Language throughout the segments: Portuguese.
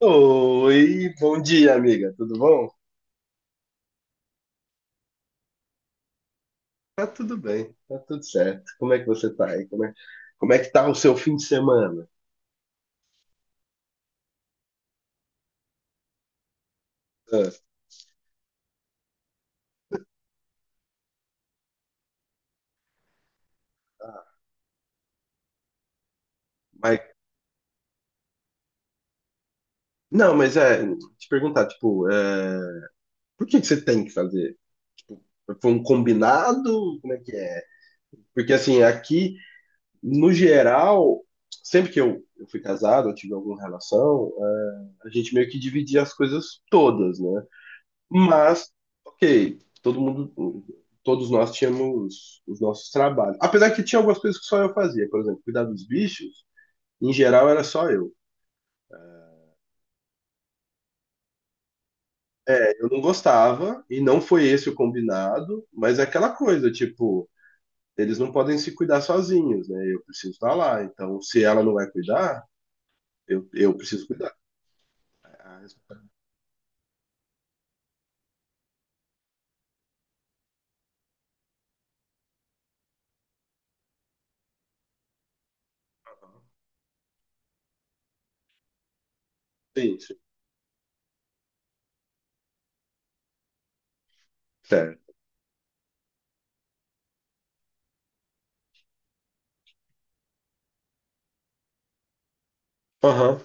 Oi, bom dia, amiga. Tudo bom? Tá tudo bem, tá tudo certo. Como é que você tá aí? Como é que tá o seu fim de semana? Ah, ah, mas, não, mas é, te perguntar, tipo, é, por que que você tem que fazer? Tipo, foi um combinado? Como é que é? Porque, assim, aqui, no geral, sempre que eu fui casado, eu tive alguma relação, é, a gente meio que dividia as coisas todas, né? Mas, ok, todo mundo, todos nós tínhamos os nossos trabalhos. Apesar que tinha algumas coisas que só eu fazia, por exemplo, cuidar dos bichos, em geral era só eu. Eu não gostava, e não foi esse o combinado, mas é aquela coisa, tipo, eles não podem se cuidar sozinhos, né? Eu preciso estar lá, então se ela não vai cuidar, eu preciso cuidar. A resposta é isso. Certo. Aham,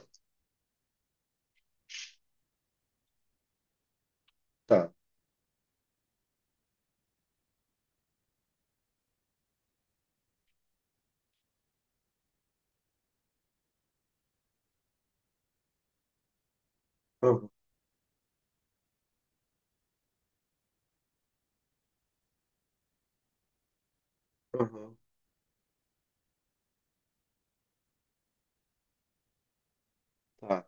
tá. Aham, aham, tá.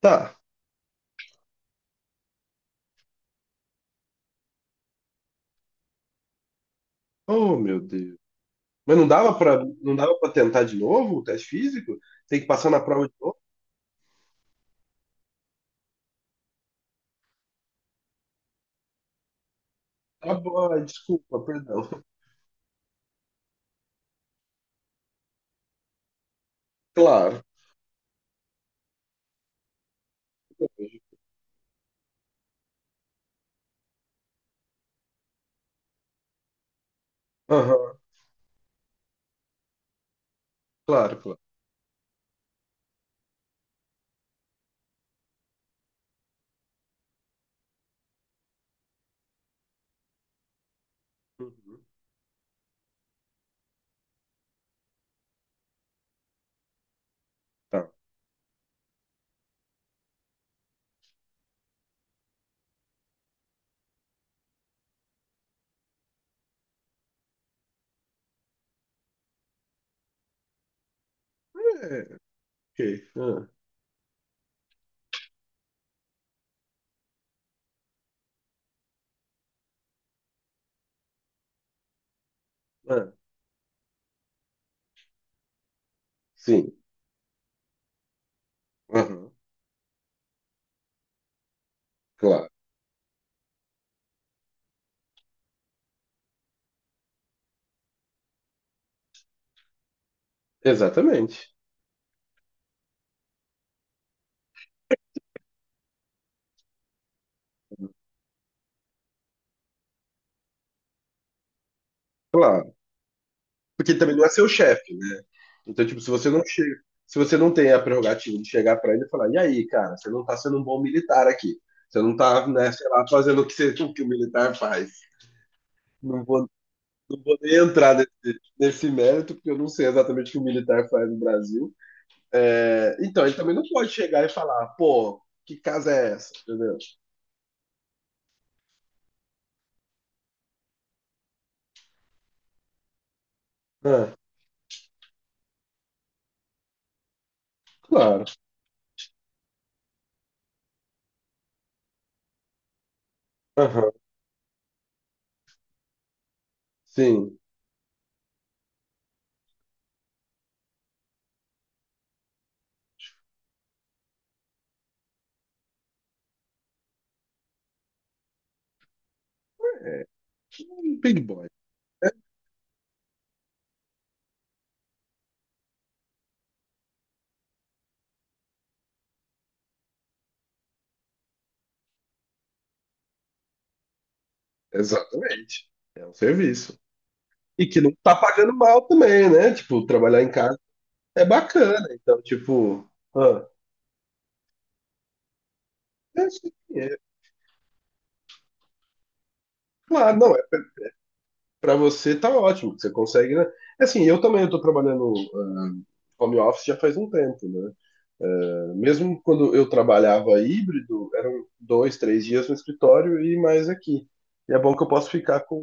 Tá. Oh, meu Deus. Mas não dava para tentar de novo o teste físico? Tem que passar na prova de novo? Tá bom, ai, desculpa, perdão. Claro. Aham, claro, claro. Uhum, tá. É, ok. Ah, ah, sim. Aham, claro. Exatamente. Claro. Porque ele também não é seu chefe, né? Então, tipo, se você não chega, se você não tem a prerrogativa de chegar pra ele e falar, e aí, cara, você não tá sendo um bom militar aqui. Você não tá, né, sei lá, fazendo o que, o que o militar faz. Não vou, não vou nem entrar nesse mérito, porque eu não sei exatamente o que o militar faz no Brasil. É, então, ele também não pode chegar e falar, pô, que casa é essa? Entendeu? Ah, claro. Aham. Sim. Um Big boy. Exatamente. É um serviço. E que não tá pagando mal também, né? Tipo, trabalhar em casa é bacana. Então, tipo, ah, é, isso aqui, é, claro, não, é, pra você tá ótimo, que você consegue, né? Assim, eu também eu tô trabalhando ah, home office já faz um tempo, né? Mesmo quando eu trabalhava híbrido, eram dois, três dias no escritório e mais aqui. E é bom que eu posso ficar com,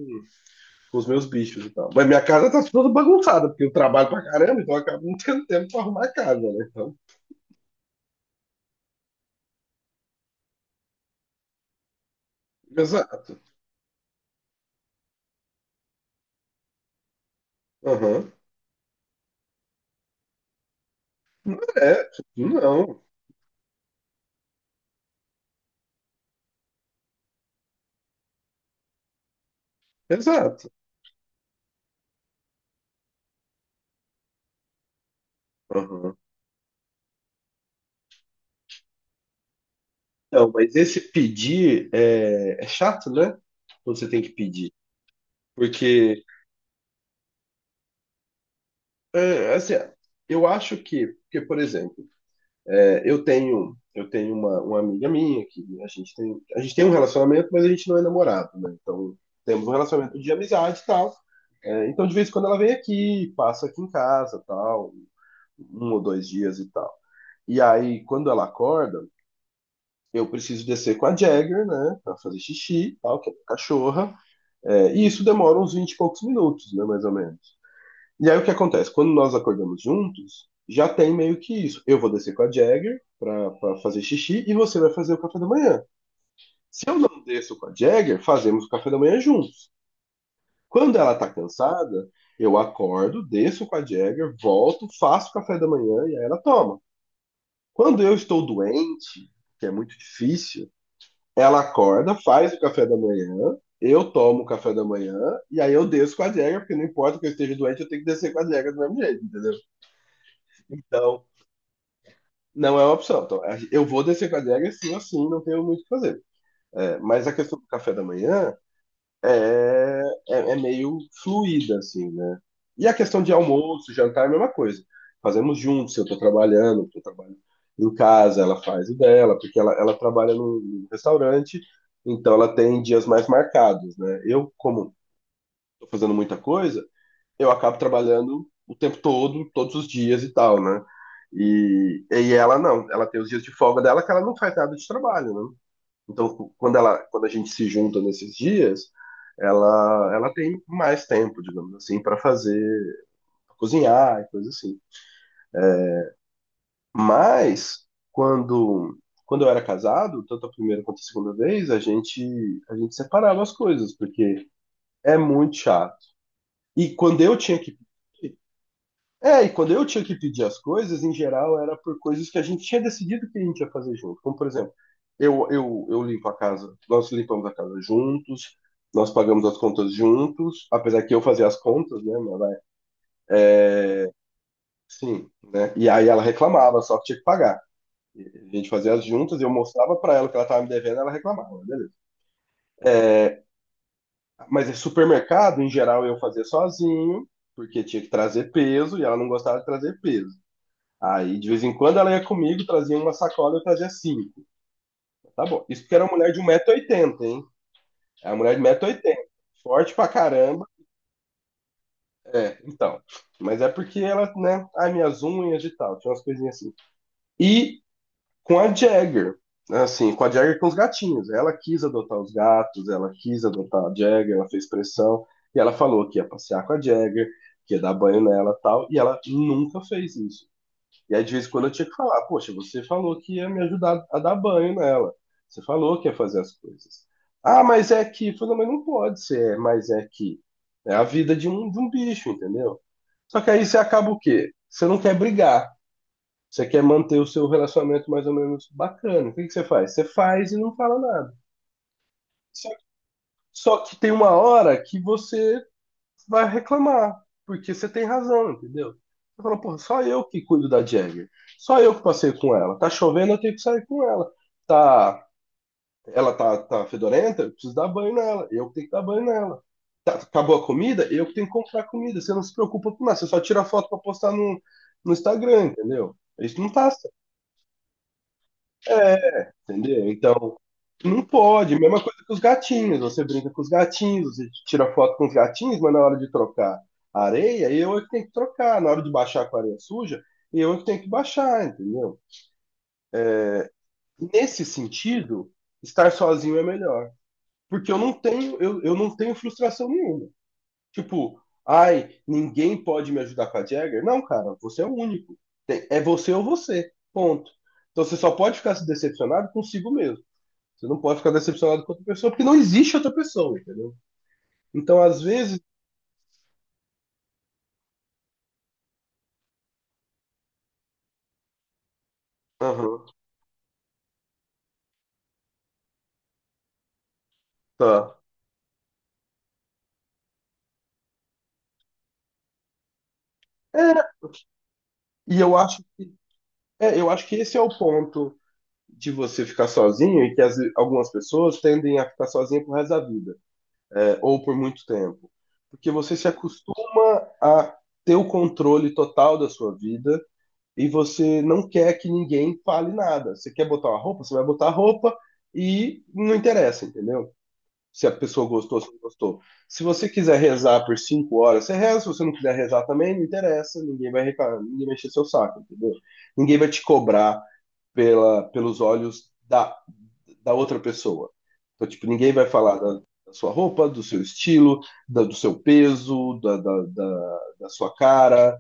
com os meus bichos e tal. Mas minha casa tá toda bagunçada, porque eu trabalho pra caramba, então eu acabo não tendo tempo pra arrumar a casa, né? Então, exato. Aham. É, não. Exato. Aham. Não, mas esse pedir é, é chato, né? Quando Você tem que pedir. Porque, é, assim, eu acho que, porque, por exemplo, é, eu tenho uma amiga minha que a gente tem um relacionamento, mas a gente não é namorado, né? Então temos um relacionamento de amizade e tal. É, então de vez em quando ela vem aqui, passa aqui em casa, tal, um ou dois dias e tal. E aí quando ela acorda eu preciso descer com a Jagger, né, para fazer xixi, e tal, que é a cachorra. É, e isso demora uns 20, e poucos minutos, né, mais ou menos. E aí o que acontece? Quando nós acordamos juntos, já tem meio que isso. Eu vou descer com a Jagger pra fazer xixi e você vai fazer o café da manhã. Se eu não desço com a Jagger, fazemos o café da manhã juntos. Quando ela tá cansada, eu acordo, desço com a Jagger, volto, faço o café da manhã e aí ela toma. Quando eu estou doente, que é muito difícil, ela acorda, faz o café da manhã, eu tomo o café da manhã e aí eu desço com a Jagger, porque não importa que eu esteja doente, eu tenho que descer com a Jagger do mesmo jeito, entendeu? Então, não é uma opção. Então, eu vou descer com a Jagger assim assim, não tenho muito o que fazer. É, mas a questão do café da manhã é, é, é meio fluida, assim, né? E a questão de almoço, jantar é a mesma coisa. Fazemos juntos, se eu estou trabalhando, porque eu trabalho em casa, ela faz o dela, porque ela trabalha num restaurante, então ela tem dias mais marcados, né? Eu, como estou fazendo muita coisa, eu acabo trabalhando o tempo todo, todos os dias e tal, né? E ela não, ela tem os dias de folga dela que ela não faz nada de trabalho, né? Então, quando ela, quando a gente se junta nesses dias, ela tem mais tempo, digamos assim, para fazer, pra cozinhar e coisa assim. Mas quando quando eu era casado, tanto a primeira quanto a segunda vez, a gente separava as coisas, porque é muito chato. E quando eu tinha que é, e quando eu tinha que pedir as coisas, em geral, era por coisas que a gente tinha decidido que a gente ia fazer junto. Como, por exemplo, eu limpo a casa, nós limpamos a casa juntos, nós pagamos as contas juntos, apesar que eu fazia as contas, né? Mas, vai, sim, né? E aí ela reclamava, só que tinha que pagar. E a gente fazia as juntas, eu mostrava pra ela o que ela tava me devendo, ela reclamava, beleza. Mas em supermercado, em geral, eu fazia sozinho, porque tinha que trazer peso e ela não gostava de trazer peso. Aí, de vez em quando, ela ia comigo, trazia uma sacola, eu trazia cinco. Tá bom. Isso porque era uma mulher de 1,80 m, hein? É uma mulher de 1,80 m, forte pra caramba. É, então. Mas é porque ela, né? Ai, minhas unhas e tal. Tinha umas coisinhas assim. E com a Jagger, né? Assim, com a Jagger e com os gatinhos. Ela quis adotar os gatos, ela quis adotar a Jagger, ela fez pressão. E ela falou que ia passear com a Jagger, que ia dar banho nela e tal. E ela nunca fez isso. E aí, de vez em quando, eu tinha que falar: poxa, você falou que ia me ajudar a dar banho nela. Você falou que ia fazer as coisas. Ah, mas é que. Eu falei, não, mas não pode ser, mas é que. É a vida de um bicho, entendeu? Só que aí você acaba o quê? Você não quer brigar. Você quer manter o seu relacionamento mais ou menos bacana. O que que você faz? Você faz e não fala nada. Só, só que tem uma hora que você vai reclamar, porque você tem razão, entendeu? Você fala, porra, só eu que cuido da Jagger. Só eu que passei com ela. Tá chovendo, eu tenho que sair com ela. Tá, ela tá fedorenta, eu preciso dar banho nela. Eu que tenho que dar banho nela. Tá- acabou a comida, eu que tenho que comprar comida. Você não se preocupa com nada, você só tira foto pra postar no Instagram, entendeu? Isso não tá é, entendeu? Então, não pode. Mesma coisa que os gatinhos. Você brinca com os gatinhos, você tira foto com os gatinhos, mas na hora de trocar a areia, eu é que tenho que trocar. Na hora de baixar com a areia suja, eu é que tenho que baixar, entendeu? É, nesse sentido, estar sozinho é melhor. Porque eu não tenho, eu não tenho frustração nenhuma. Tipo, ai, ninguém pode me ajudar com a Jagger. Não, cara, você é o único. Tem- é você ou você. Ponto. Então você só pode ficar se decepcionado consigo mesmo. Você não pode ficar decepcionado com outra pessoa, porque não existe outra pessoa, entendeu? Então, às vezes. Aham, tá. É, e eu acho, é, eu acho que esse é o ponto de você ficar sozinho e que as, algumas pessoas tendem a ficar sozinha pro resto da vida, é, ou por muito tempo. Porque você se acostuma a ter o controle total da sua vida e você não quer que ninguém fale nada. Você quer botar uma roupa, você vai botar a roupa e não interessa, entendeu? Se a pessoa gostou, se não gostou. Se você quiser rezar por 5 horas, você reza. Se você não quiser rezar também, não interessa. Ninguém vai reclamar, ninguém vai encher seu saco, entendeu? Ninguém vai te cobrar pela, pelos olhos da, da outra pessoa. Então, tipo, ninguém vai falar da, da sua roupa, do seu estilo, da, do seu peso, da, da, da, da sua cara.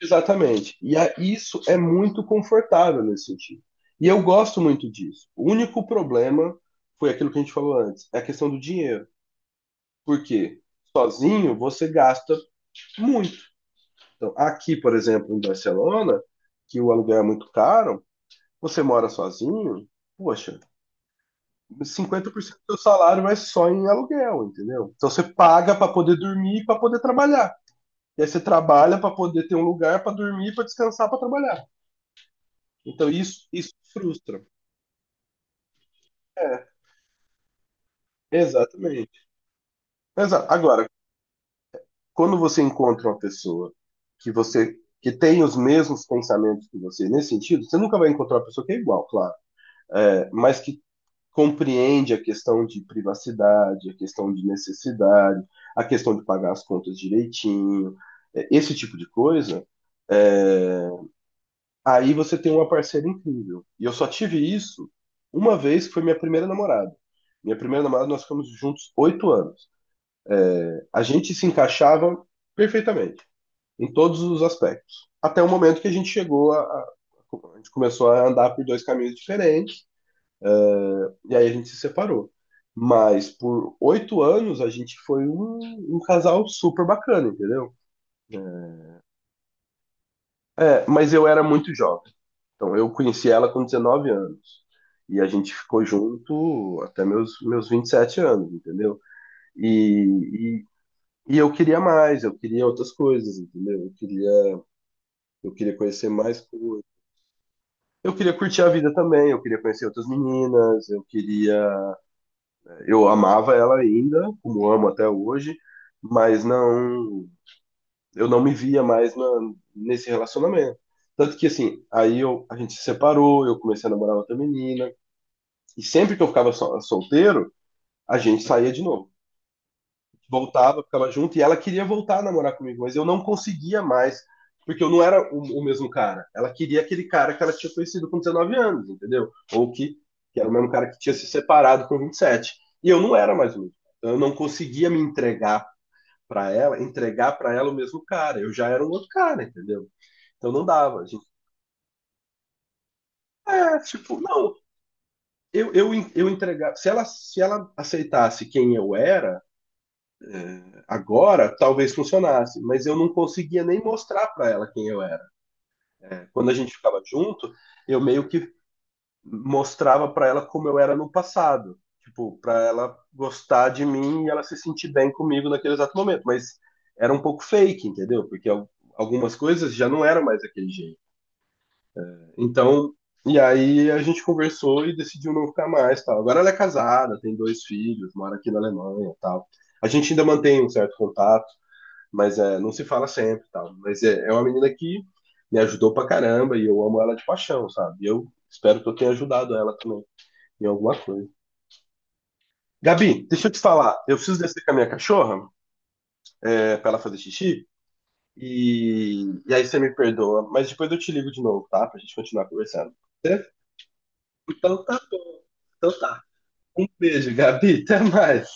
Exatamente. E a, isso é muito confortável nesse sentido. E eu gosto muito disso. O único problema foi aquilo que a gente falou antes, é a questão do dinheiro. Porque sozinho você gasta muito. Então, aqui, por exemplo, em Barcelona, que o aluguel é muito caro, você mora sozinho, poxa, 50% do seu salário vai só em aluguel, entendeu? Então você paga para poder dormir e para poder trabalhar. E aí você trabalha para poder ter um lugar para dormir, para descansar, para trabalhar. Então isso frustra. É, exatamente. Agora, quando você encontra uma pessoa que você que tem os mesmos pensamentos que você nesse sentido, você nunca vai encontrar uma pessoa que é igual, claro, é, mas que compreende a questão de privacidade, a questão de necessidade, a questão de pagar as contas direitinho, é, esse tipo de coisa, é, aí você tem uma parceira incrível. E eu só tive isso uma vez, que foi minha primeira namorada. Minha primeira namorada, nós ficamos juntos 8 anos. É, a gente se encaixava perfeitamente em todos os aspectos. Até o momento que a gente chegou a gente começou a andar por dois caminhos diferentes, e aí a gente se separou. Mas por 8 anos a gente foi um, um casal super bacana, entendeu? É, mas eu era muito jovem. Então eu conheci ela com 19 anos. E a gente ficou junto até meus, meus 27 anos, entendeu? E, e eu queria mais, eu queria outras coisas, entendeu? Eu queria conhecer mais coisas. Eu queria curtir a vida também, eu queria conhecer outras meninas, eu queria. Eu amava ela ainda, como amo até hoje, mas não. Eu não me via mais na, nesse relacionamento. Tanto que, assim, aí eu, a gente se separou, eu comecei a namorar outra menina, e sempre que eu ficava solteiro, a gente saía de novo. Voltava, ficava junto, e ela queria voltar a namorar comigo, mas eu não conseguia mais, porque eu não era o mesmo cara. Ela queria aquele cara que ela tinha conhecido com 19 anos, entendeu? Ou que era o mesmo cara que tinha se separado com 27. E sete. E eu não era mais o mesmo. Então, eu não conseguia me entregar para ela o mesmo cara. Eu já era um outro cara, entendeu? Então não dava. A gente. É, tipo, não, eu, eu, eu entregava. Se ela, se ela aceitasse quem eu era, agora, talvez funcionasse, mas eu não conseguia nem mostrar para ela quem eu era. É, quando a gente ficava junto, eu meio que mostrava para ela como eu era no passado, tipo, para ela gostar de mim e ela se sentir bem comigo naquele exato momento, mas era um pouco fake, entendeu? Porque algumas coisas já não eram mais daquele jeito. Então, e aí a gente conversou e decidiu não ficar mais, tal. Agora ela é casada, tem dois filhos, mora aqui na Alemanha, tal. A gente ainda mantém um certo contato mas é, não se fala sempre, e tal. Mas é, é uma menina que me ajudou pra caramba e eu amo ela de paixão, sabe? E eu espero que eu tenha ajudado ela também em alguma coisa. Gabi, deixa eu te falar, eu preciso descer com a minha cachorra, é, pra ela fazer xixi, e aí você me perdoa, mas depois eu te ligo de novo, tá? Pra gente continuar conversando. Certo? Então tá bom. Então tá. Um beijo, Gabi, até mais.